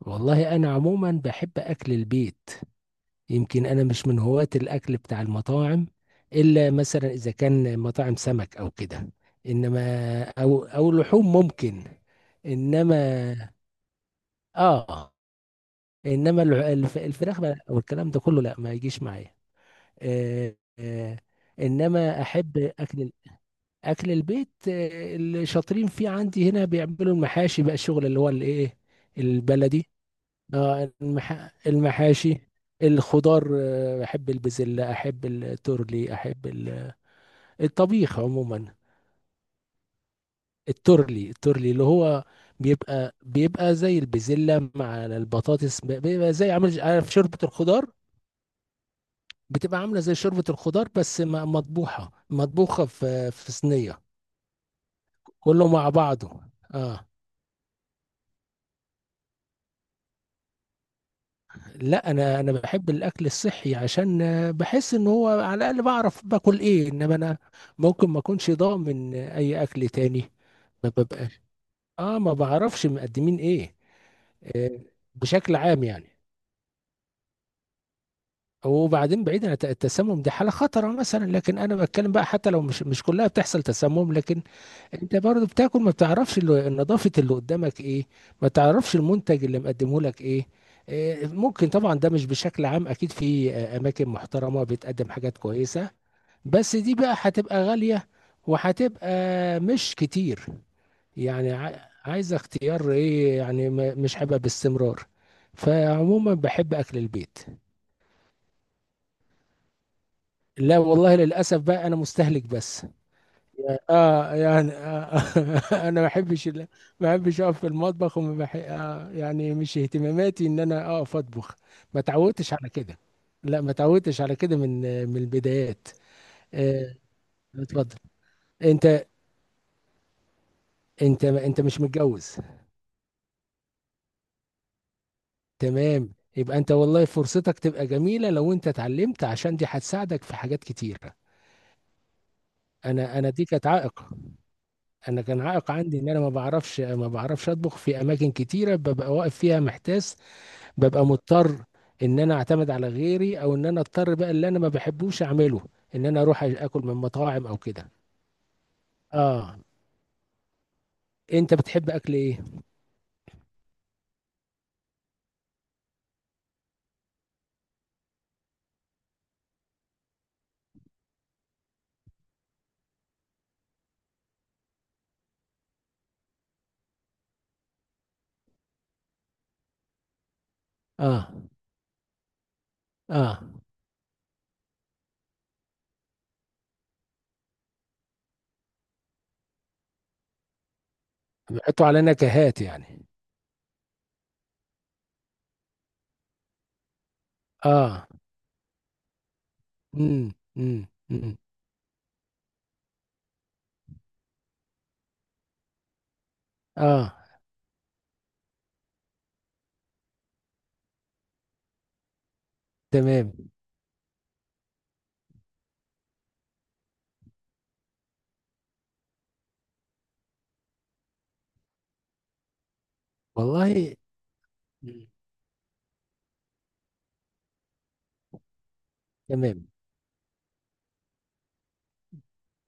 والله انا عموما بحب اكل البيت. يمكن انا مش من هواة الاكل بتاع المطاعم، الا مثلا اذا كان مطاعم سمك او كده. انما او لحوم ممكن. انما اه، انما الفراخ بقى والكلام ده كله، لا، ما يجيش معايا. آه، آه. انما احب اكل البيت، اللي شاطرين فيه عندي هنا بيعملوا المحاشي بقى، الشغل اللي هو الايه، البلدي. اه، المحاشي، الخضار، احب البسلة، احب التورلي، احب الطبيخ عموما. التورلي اللي هو بيبقى زي البسلة مع البطاطس، بيبقى زي عامل عارف شوربة الخضار، بتبقى عاملة زي شوربة الخضار، بس مطبوخة في صينية، كله مع بعضه. اه. لا، انا بحب الاكل الصحي، عشان بحس ان هو على الاقل بعرف باكل ايه، انما انا ممكن ما اكونش ضامن اي اكل تاني. ما ببقاش، اه، ما بعرفش مقدمين ايه. آه، بشكل عام يعني. وبعدين بعيد عن التسمم، دي حالة خطرة مثلا، لكن انا بتكلم بقى، حتى لو مش كلها بتحصل تسمم، لكن انت برضه بتاكل، ما بتعرفش نظافة اللي قدامك ايه، ما تعرفش المنتج اللي مقدمه لك ايه. ممكن طبعا، ده مش بشكل عام، اكيد في اماكن محترمة بتقدم حاجات كويسة، بس دي بقى هتبقى غالية، وهتبقى مش كتير، يعني عايز اختيار ايه يعني، مش هيبقى باستمرار. فعموما بحب اكل البيت. لا والله، للاسف بقى انا مستهلك بس. اه، يعني. انا ما بحبش اقف في المطبخ، وما بح... آه يعني مش اهتماماتي ان انا اقف اطبخ، ما تعودتش على كده. لا، ما تعودتش على كده من البدايات. آه، اتفضل. انت انت مش متجوز؟ تمام، يبقى انت والله فرصتك تبقى جميلة لو انت اتعلمت، عشان دي هتساعدك في حاجات كتيرة. انا دي كانت عائق انا كان عائق عندي، ان انا ما بعرفش اطبخ، في اماكن كتيرة ببقى واقف فيها محتاس، ببقى مضطر ان انا اعتمد على غيري، او ان انا اضطر بقى اللي انا ما بحبوش اعمله، ان انا اروح اكل من مطاعم او كده. اه، انت بتحب اكل ايه؟ اه، اه. بيحطوا على نكهات يعني. اه، امم، امم، امم، اه، تمام والله. مم. تمام.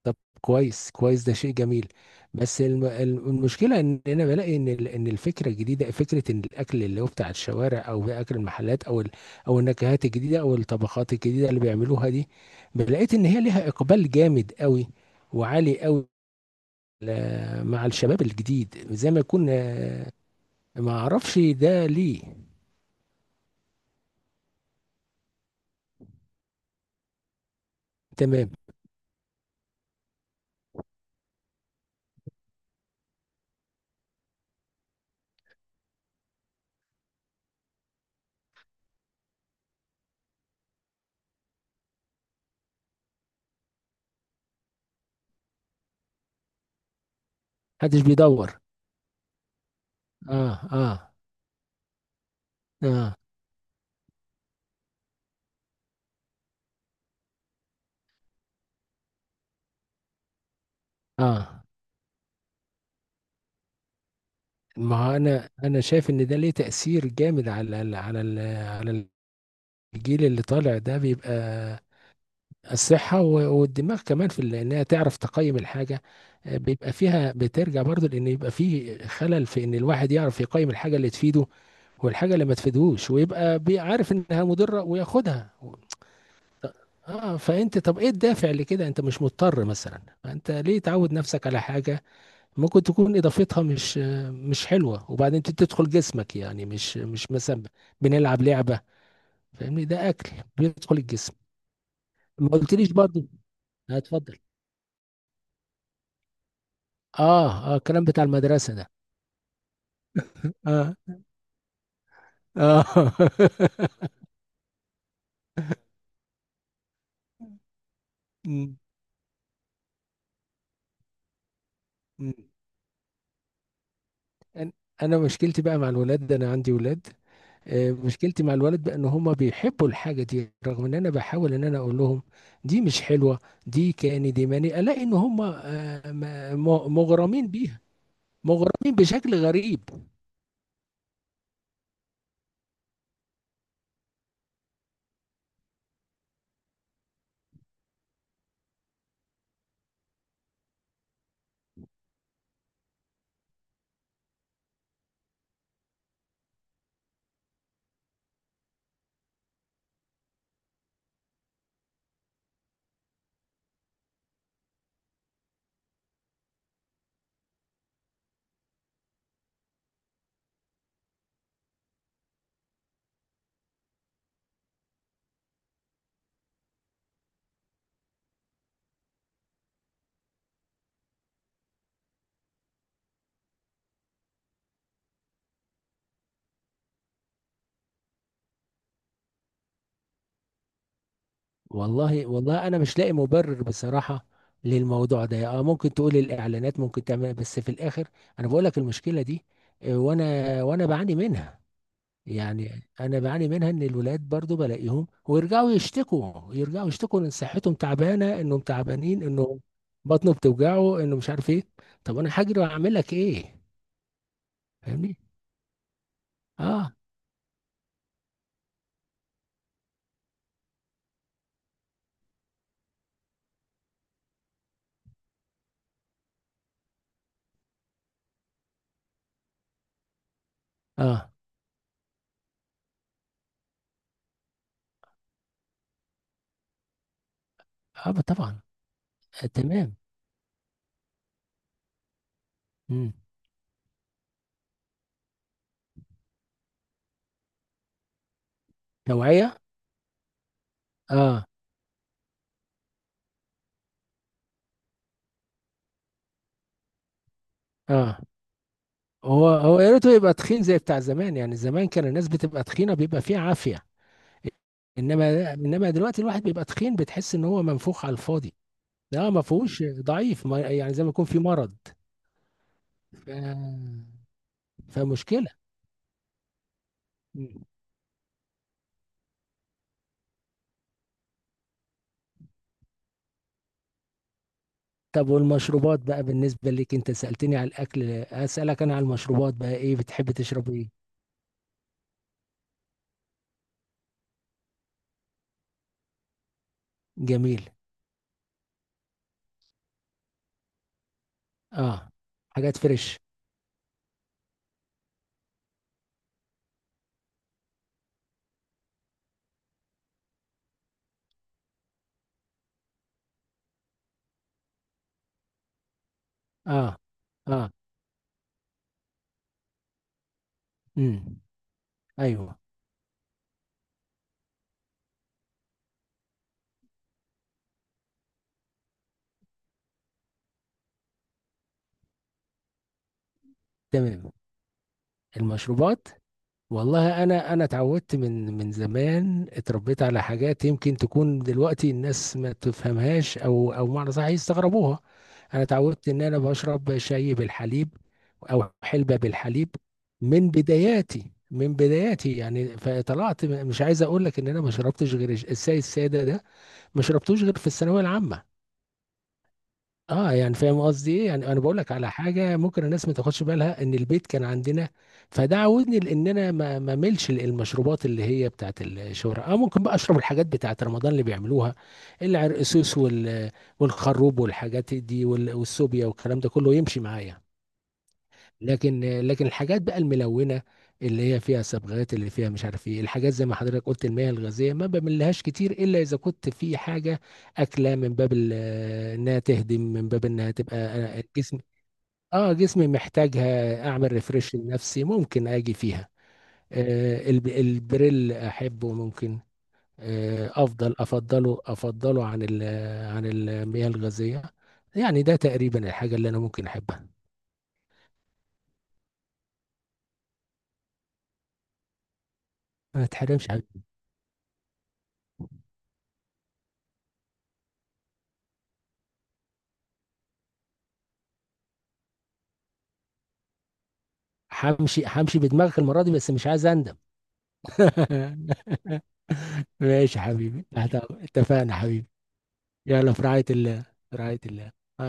طب كويس كويس، ده شيء جميل. بس المشكله ان انا بلاقي ان ان الفكره الجديده، فكره ان الاكل اللي هو بتاع الشوارع، او اكل المحلات، او او النكهات الجديده، او الطبخات الجديده اللي بيعملوها دي، لقيت ان هي ليها اقبال جامد قوي، وعالي قوي، مع الشباب الجديد، زي ما يكون ما اعرفش ده ليه. تمام. محدش بيدور. اه، اه، اه، اه. ما هو انا شايف ان ده ليه تأثير جامد، على على الجيل اللي طالع ده، بيبقى الصحة والدماغ كمان، في انها تعرف تقيم الحاجة. بيبقى فيها بترجع برضو، لان يبقى فيه خلل في ان الواحد يعرف يقيم الحاجة اللي تفيده، والحاجة اللي ما تفيدهوش، ويبقى عارف انها مضرة وياخدها. اه، فانت طب ايه الدافع لكده؟ انت مش مضطر مثلا. انت ليه تعود نفسك على حاجة ممكن تكون اضافتها مش مش حلوة، وبعدين تدخل جسمك؟ يعني مش مثلا بنلعب لعبة، فاهمني، ده اكل بيدخل الجسم. ما قلتليش برضو. لا، اتفضل. اه، اه، الكلام بتاع المدرسة ده. اه، اه. مم، مم. أن- انا مشكلتي بقى مع الولاد ده، انا عندي ولاد، مشكلتي مع الولد بقى ان هما بيحبوا الحاجة دي، رغم ان انا بحاول ان انا اقول لهم دي مش حلوة، دي كأني دي ماني الاقي ان هما مغرمين بيها، مغرمين بشكل غريب. والله والله انا مش لاقي مبرر بصراحه للموضوع ده. اه، ممكن تقول الاعلانات ممكن تعمل، بس في الاخر انا بقول لك المشكله دي. وانا بعاني منها، يعني انا بعاني منها ان الولاد برضو بلاقيهم، ويرجعوا يشتكوا، يرجعوا يشتكوا، ان صحتهم تعبانه، انهم تعبانين، انه بطنه بتوجعه، انه مش عارف ايه. طب انا هاجري واعمل لك ايه؟ فاهمني. اه، اه، اه، طبعا. آه، تمام. مم. توعيه. اه، اه. هو هو يا ريته يبقى تخين زي بتاع زمان، يعني زمان كان الناس بتبقى تخينه، بيبقى فيه عافيه. انما دلوقتي الواحد بيبقى تخين، بتحس ان هو منفوخ على الفاضي، لا، ما فيهوش ضعيف، ما يعني زي ما يكون في مرض. ف... فمشكله. مم. طب والمشروبات بقى بالنسبه لك، انت سالتني على الاكل، اسالك انا على المشروبات، بقى ايه بتحب تشرب ايه؟ جميل. اه، حاجات فريش. اه، اه، امم، ايوه. تمام، المشروبات. والله انا اتعودت من زمان، اتربيت على حاجات يمكن تكون دلوقتي الناس ما تفهمهاش، او معنى صح يستغربوها. انا اتعودت ان انا بشرب شاي بالحليب، او حلبة بالحليب، من بداياتي يعني، فطلعت مش عايز اقول لك ان انا ما شربتش غير الشاي الساده ده، ما شربتوش غير في الثانويه العامه. اه، يعني فاهم قصدي ايه، يعني انا بقول لك على حاجه ممكن الناس ما تاخدش بالها، ان البيت كان عندنا، فده عودني لان انا ما ملش المشروبات اللي هي بتاعت الشهرة. اه، ممكن بقى اشرب الحاجات بتاعت رمضان اللي بيعملوها، العرقسوس، والخروب والحاجات دي، والسوبيا والكلام ده كله يمشي معايا. لكن الحاجات بقى الملونه، اللي هي فيها صبغات، اللي فيها مش عارف ايه، الحاجات زي ما حضرتك قلت، المياه الغازيه ما بملهاش كتير، الا اذا كنت في حاجه اكله من باب انها تهدم، من باب انها تبقى الجسم. اه، جسمي محتاجها، اعمل ريفرش لنفسي، ممكن اجي فيها. البريل احبه، ممكن. افضله عن عن المياه الغازيه، يعني ده تقريبا الحاجه اللي انا ممكن احبها. ما تحرمش. همشي همشي بدماغك المرة دي، بس مش عايز أندم. ماشي يا حبيبي، تحت أمرك. اتفقنا يا حبيبي. يلا في رعاية الله. في رعاية الله.